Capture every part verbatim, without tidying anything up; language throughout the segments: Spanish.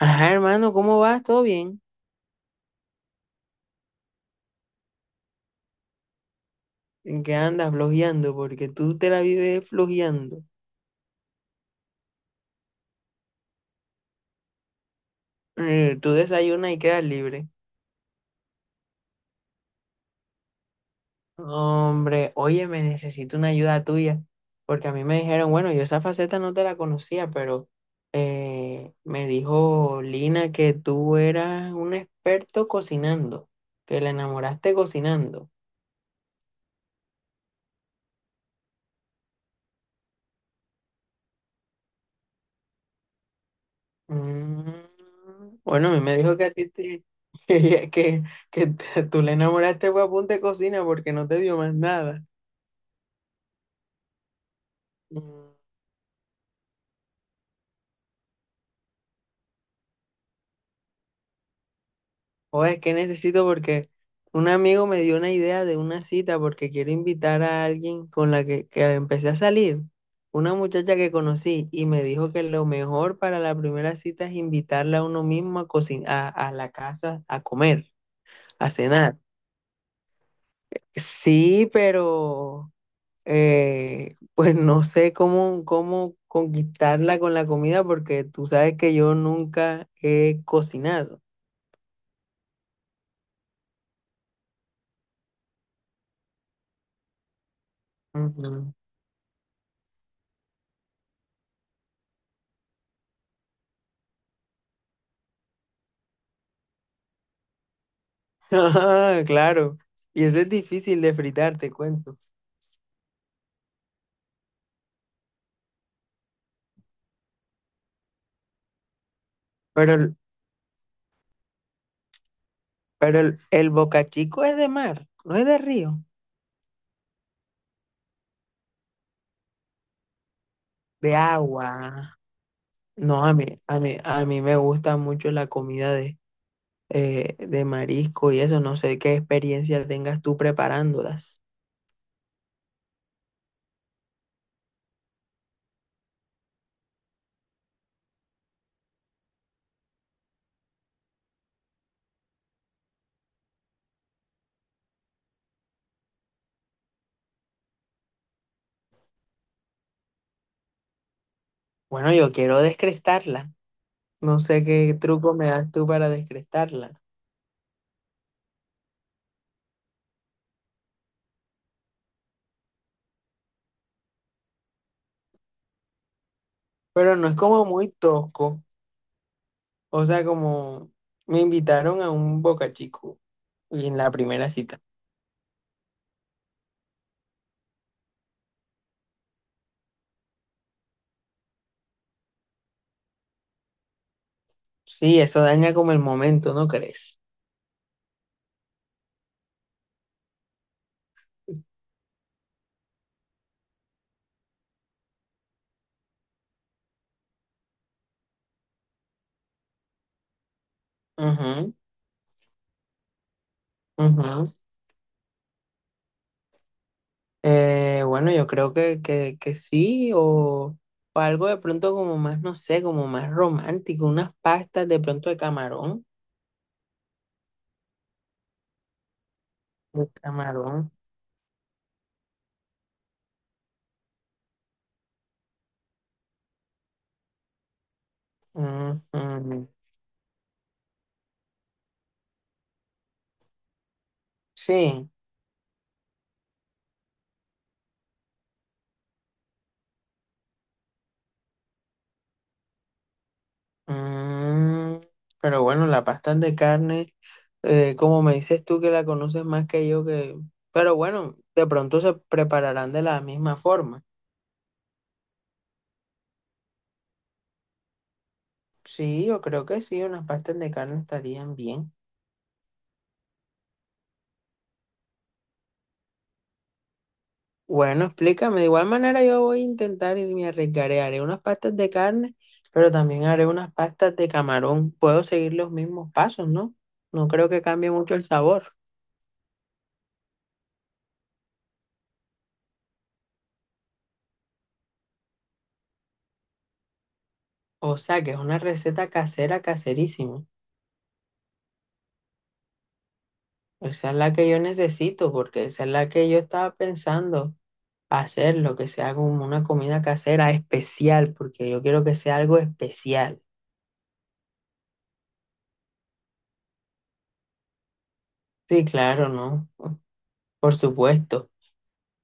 Ajá, hermano, ¿cómo vas? ¿Todo bien? ¿En qué andas flojeando? Porque tú te la vives flojeando. Eh, tú desayunas y quedas libre. Hombre, oye, me necesito una ayuda tuya. Porque a mí me dijeron, bueno, yo esa faceta no te la conocía, pero eh, me dijo Lina que tú eras un experto cocinando, que la enamoraste cocinando. Mm. Bueno, a mí me dijo que a ti te- que, que, que te- tú le enamoraste fue a punta de cocina porque no te dio más nada. Mm. O es que necesito porque un amigo me dio una idea de una cita porque quiero invitar a alguien con la que, que empecé a salir, una muchacha que conocí y me dijo que lo mejor para la primera cita es invitarla a uno mismo a cocinar, a a la casa a comer, a cenar. Sí, pero eh, pues no sé cómo, cómo conquistarla con la comida porque tú sabes que yo nunca he cocinado. Ujú. Ah, claro. Y eso es difícil de fritar, te cuento. Pero, el- pero el, el bocachico es de mar, no es de río, de agua. No, a mí, a mí, a mí me gusta mucho la comida de, eh, de marisco y eso. No sé qué experiencia tengas tú preparándolas. Bueno, yo quiero descrestarla. No sé qué truco me das tú para descrestarla. Pero no es como muy tosco. O sea, como me invitaron a un Boca Chico y en la primera cita. Sí, eso daña como el momento, ¿no crees? Ujú, ujú. Eh, bueno, yo creo que, que, que sí, o, o algo de pronto como más, no sé, como más romántico, unas pastas de pronto de camarón. De camarón. Ujú. Sí. mm, pero bueno, la pasta de carne. Eh, como me dices tú que la conoces más que yo, que. Pero bueno, de pronto se prepararán de la misma forma. Sí, yo creo que sí, unas pastas de carne estarían bien. Bueno, explícame, de igual manera yo voy a intentar y me arriesgaré, haré unas pastas de carne, pero también haré unas pastas de camarón. Puedo seguir los mismos pasos, ¿no? No creo que cambie mucho el sabor. O sea, que es una receta casera, caserísima. Esa es la que yo necesito, porque esa es la que yo estaba pensando, hacer lo que sea como una comida casera especial, porque yo quiero que sea algo especial. Sí, claro, ¿no? Por supuesto.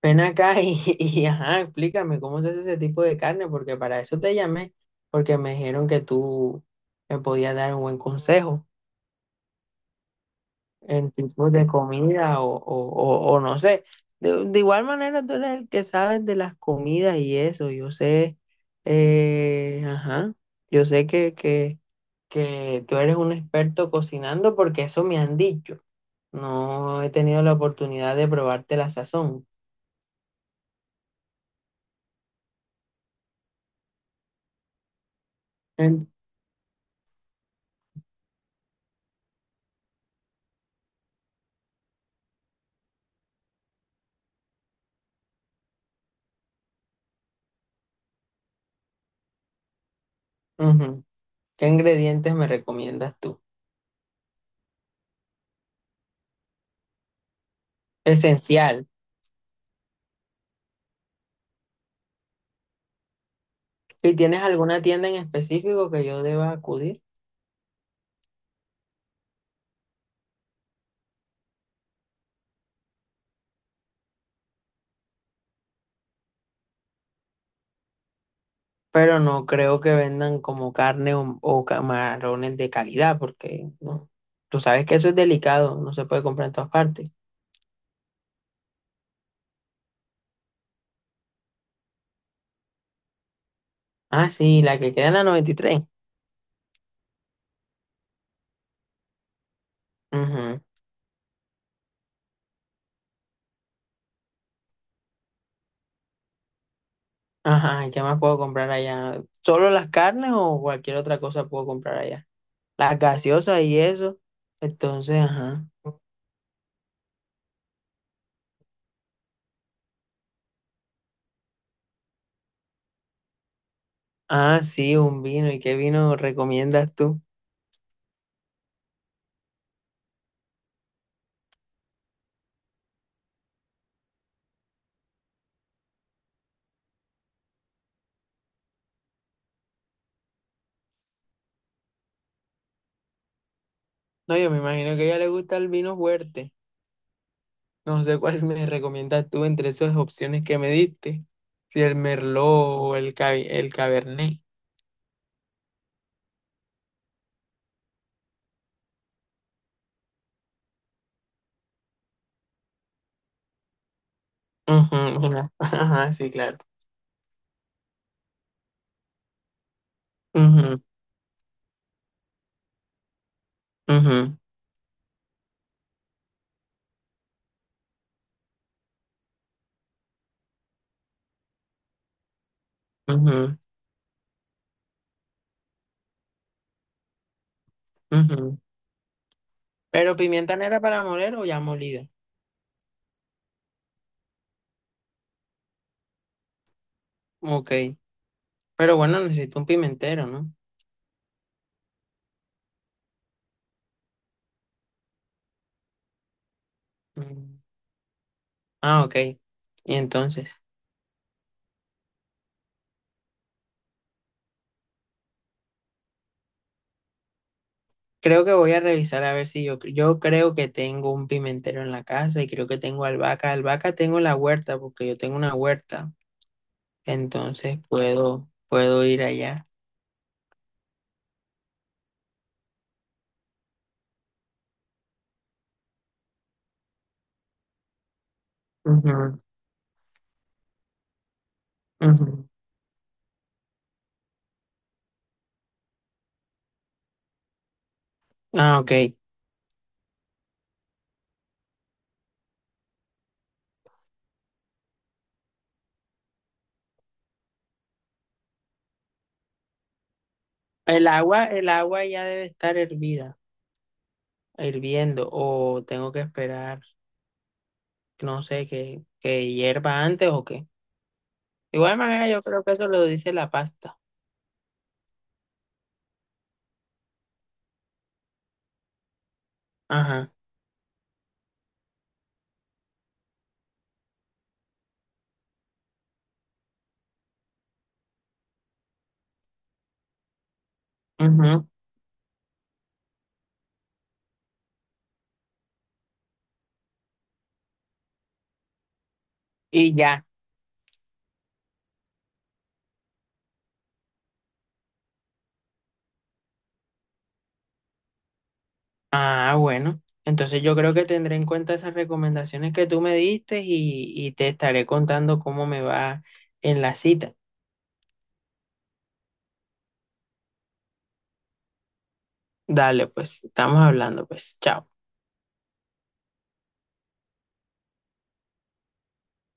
Ven acá y, y, ajá, explícame cómo se hace ese tipo de carne, porque para eso te llamé, porque me dijeron que tú me podías dar un buen consejo. En tipos de comida o, o, o, o no sé. De, de igual manera tú eres el que sabes de las comidas y eso. Yo sé, eh, ajá, yo sé que, que, que tú eres un experto cocinando porque eso me han dicho. No he tenido la oportunidad de probarte la sazón. En- Ujú. ¿Qué ingredientes me recomiendas tú? Esencial. ¿Y tienes alguna tienda en específico que yo deba acudir? Pero no creo que vendan como carne o, o camarones de calidad, porque no, tú sabes que eso es delicado, no se puede comprar en todas partes. Ah, sí, la que queda en la noventa y tres. Ujú. Ajá, ¿y qué más puedo comprar allá? ¿Solo las carnes o cualquier otra cosa puedo comprar allá? Las gaseosas y eso. Entonces, ajá. Ah, sí, un vino. ¿Y qué vino recomiendas tú? No, yo me imagino que a ella le gusta el vino fuerte. No sé cuál me recomiendas tú entre esas opciones que me diste. Si el Merlot o el, ca- el Cabernet. Ujú, ujú. Ajá, sí, claro. Ujú, ujú, ujú, ujú. Pero pimienta negra para moler o ya molida. Ok. Pero bueno, necesito un pimentero, ¿no? Mm. Ah, ok. Y entonces, creo que voy a revisar a ver si yo, yo creo que tengo un pimentero en la casa y creo que tengo albahaca. Albahaca tengo en la huerta porque yo tengo una huerta. Entonces puedo, puedo ir allá. Ujú, ujú. Ah, ok. El agua, el agua ya debe estar hervida, hirviendo, o tengo que esperar, no sé, que, que hierva antes o qué. De igual manera, yo creo que eso lo dice la pasta. Ajá. Ujú. Y ya. Ah, bueno. Entonces yo creo que tendré en cuenta esas recomendaciones que tú me diste y, y te estaré contando cómo me va en la cita. Dale, pues, estamos hablando, pues, chao.